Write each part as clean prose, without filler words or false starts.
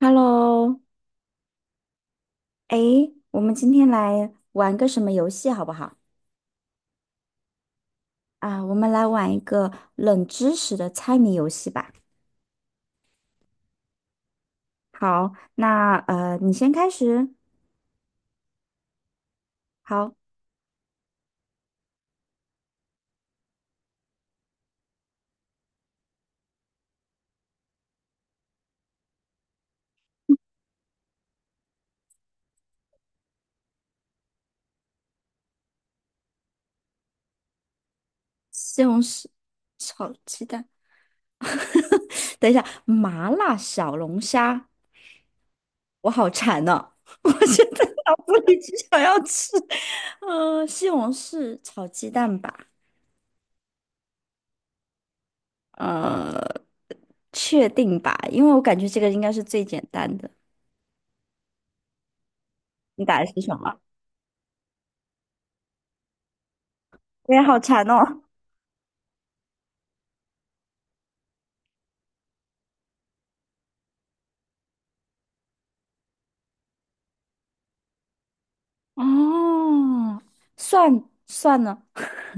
Hello，哎，我们今天来玩个什么游戏好不好？啊，我们来玩一个冷知识的猜谜游戏吧。好，那你先开始。好，西红柿炒鸡蛋。等一下，麻辣小龙虾，我好馋呢、我现在 脑子里只想要吃，西红柿炒鸡蛋吧。呃，确定吧，因为我感觉这个应该是最简单的。你打的是什么？我也好馋哦。哦，蒜呢？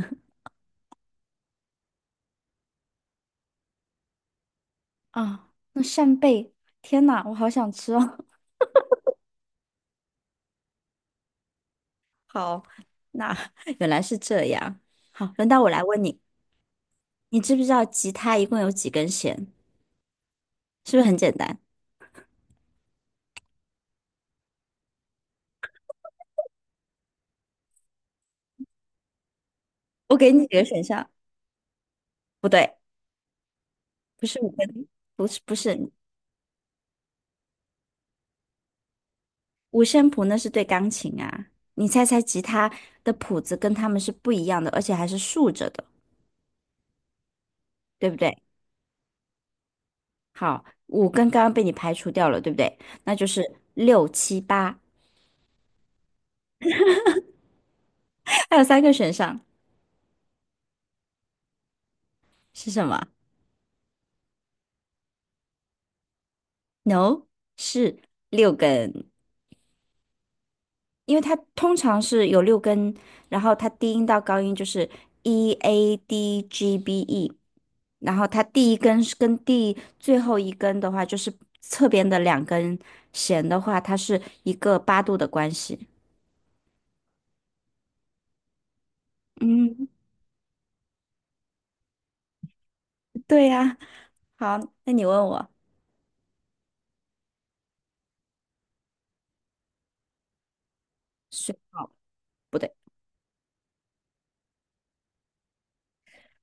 啊，那扇贝，天呐，我好想吃哦。好，那 原来是这样。好，轮到我来问你，你知不知道吉他一共有几根弦？是不是很简单？我给你几个选项。不对，不是五根，不是五线谱，那是对钢琴啊。你猜猜吉他的谱子跟他们是不一样的，而且还是竖着的，对不对？好，五根刚刚被你排除掉了，对不对？那就是六七八，还有三个选项是什么？No，是六根，因为它通常是有六根，然后它低音到高音就是 E A D G B E，然后它第一根是跟最后一根的话，就是侧边的两根弦的话，它是一个八度的关系。嗯，对呀。好，那你问我水稻不对，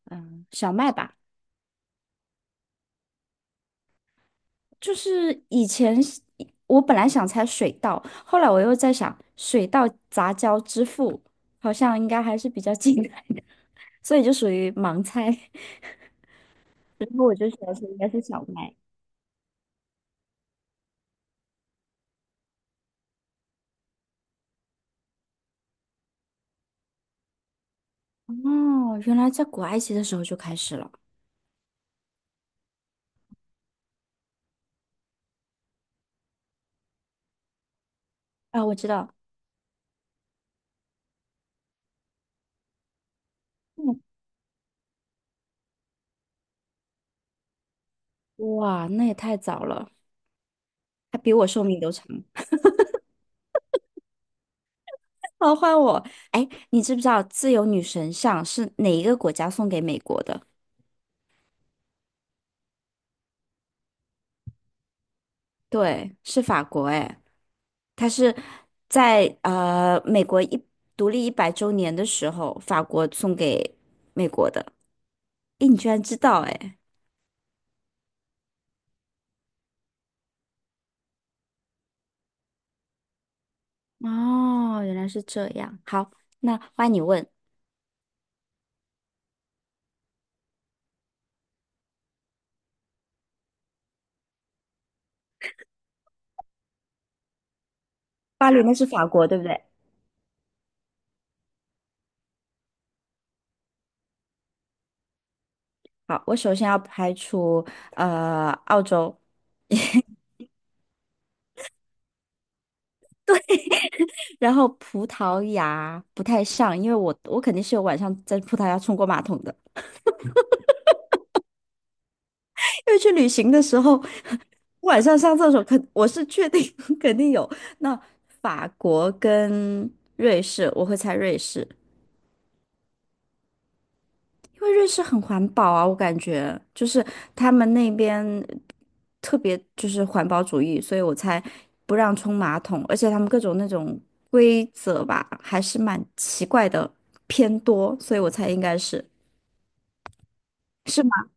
嗯，小麦吧。就是以前是我本来想猜水稻，后来我又在想水稻杂交之父好像应该还是比较 近代的，所以就属于盲猜。然后我就想说应该是小麦。哦，原来在古埃及的时候就开始了啊！我知道，嗯，哇，那也太早了，还比我寿命都长。好，换我。哎，你知不知道自由女神像是哪一个国家送给美国的？对，是法国。哎。它是在美国独立100周年的时候，法国送给美国的。诶，你居然知道诶，哦，原来是这样。好，那欢迎你问，巴黎那是法国，对不对？好，我首先要排除澳洲，然后葡萄牙不太像，因为我肯定是有晚上在葡萄牙冲过马桶的。因为去旅行的时候，晚上上厕所我是确定 肯定有。那法国跟瑞士，我会猜瑞士，因为瑞士很环保啊，我感觉就是他们那边特别就是环保主义，所以我猜不让冲马桶，而且他们各种那种规则吧，还是蛮奇怪的，偏多，所以我猜应该是是吗？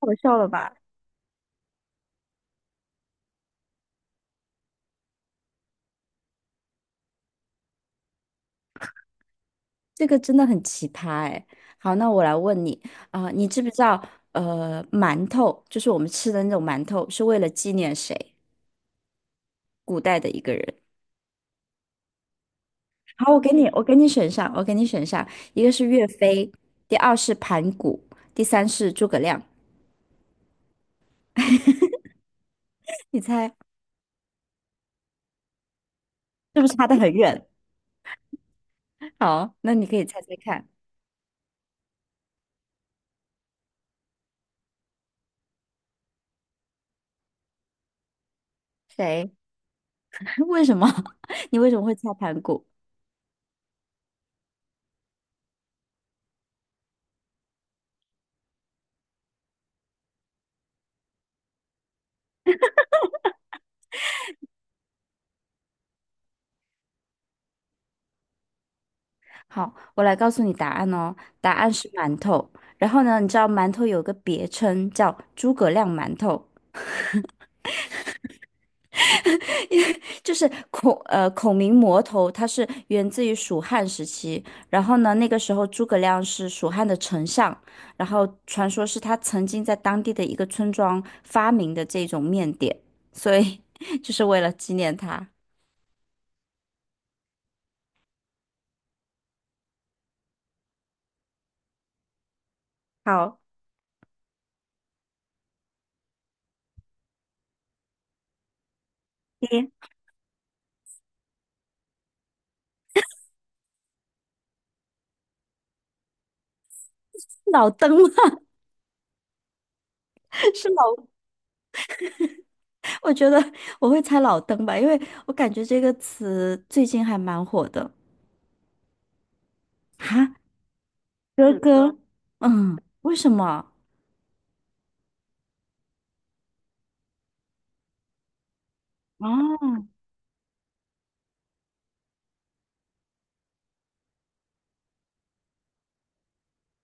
太好笑了吧？这个真的很奇葩哎。好，那我来问你啊、你知不知道馒头就是我们吃的那种馒头，是为了纪念谁？古代的一个人。好，我给你选上，一个是岳飞，第二是盘古，第三是诸葛亮。你猜是不是差得很远？好，那你可以猜猜看，谁？为什么？你为什么会猜盘古？好，我来告诉你答案哦。答案是馒头。然后呢，你知道馒头有个别称叫诸葛亮馒头，就是孔明馍头，它是源自于蜀汉时期。然后呢，那个时候诸葛亮是蜀汉的丞相，然后传说是他曾经在当地的一个村庄发明的这种面点，所以 就是为了纪念他。好，你是老灯吗？是老。我觉得我会猜老登吧，因为我感觉这个词最近还蛮火的。哈，哥是哥，嗯，为什么？哦，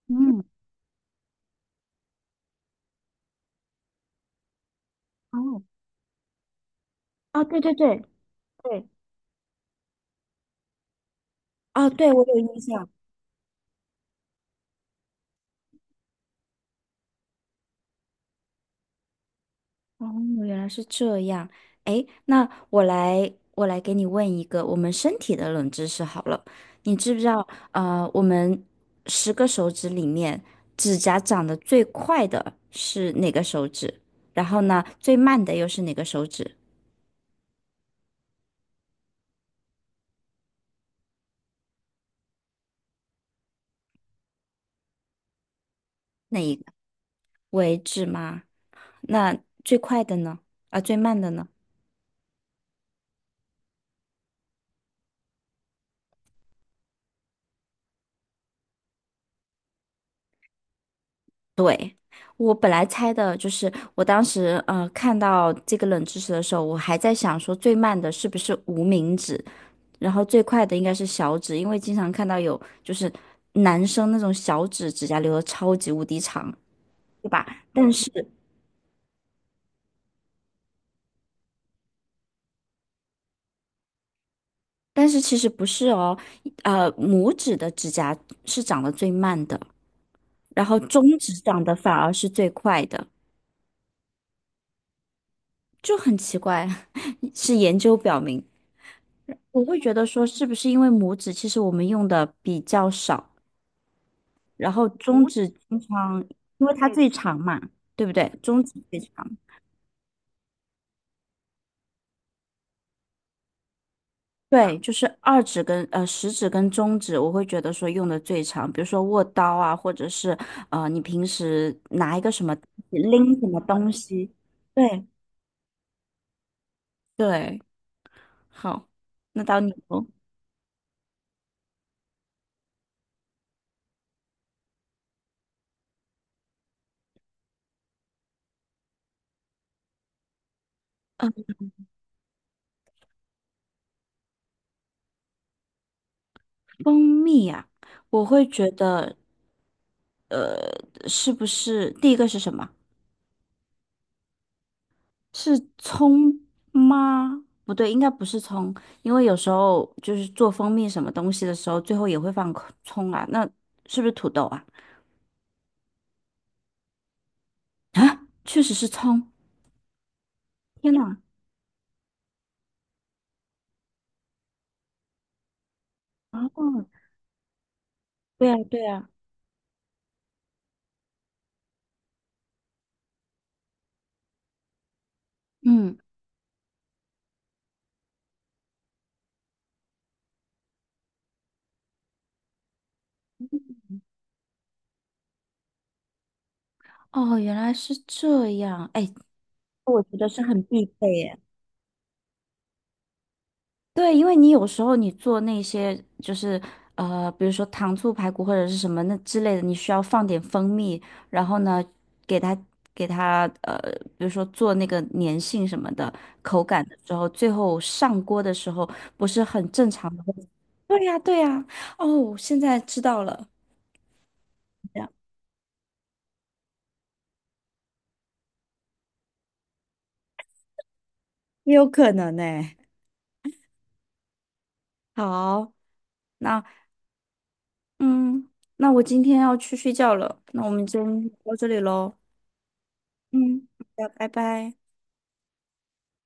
嗯，哦，啊，对对对对，啊，对，我有印象。哦，原来是这样。诶，那我来，我来给你问一个我们身体的冷知识好了。你知不知道，我们10个手指里面，指甲长得最快的是哪个手指？然后呢，最慢的又是哪个手指？那一个为止吗？那最快的呢？啊，最慢的呢？对，我本来猜的就是，我当时看到这个冷知识的时候，我还在想说最慢的是不是无名指，然后最快的应该是小指，因为经常看到有就是男生那种小指指甲留的超级无敌长，对吧？但是但是其实不是哦，拇指的指甲是长得最慢的，然后中指长得反而是最快的。就很奇怪，是研究表明，我会觉得说，是不是因为拇指其实我们用的比较少，然后中拇指指经常，因为它最长嘛，对不对？中指最长，对，就是二指跟食指跟中指，我会觉得说用的最长，比如说握刀啊，或者是你平时拿一个什么拎什么东西，对对，好，那到你喽。蜂蜜啊，我会觉得是不是第一个是什么？是葱吗？不对，应该不是葱，因为有时候就是做蜂蜜什么东西的时候，最后也会放葱啊。那是不是土豆啊？啊，确实是葱。天呐！哦，对啊，对啊，嗯，哦，原来是这样。哎，我觉得是很必备耶。对，因为你有时候你做那些就是比如说糖醋排骨或者是什么那之类的，你需要放点蜂蜜，然后呢，给它给它比如说做那个粘性什么的口感的时候，最后上锅的时候不是很正常的会 对呀，对呀，哦，现在知道了。这样也有可能呢、好，那嗯，那我今天要去睡觉了，那我们今天到这里喽。嗯，好的，拜拜。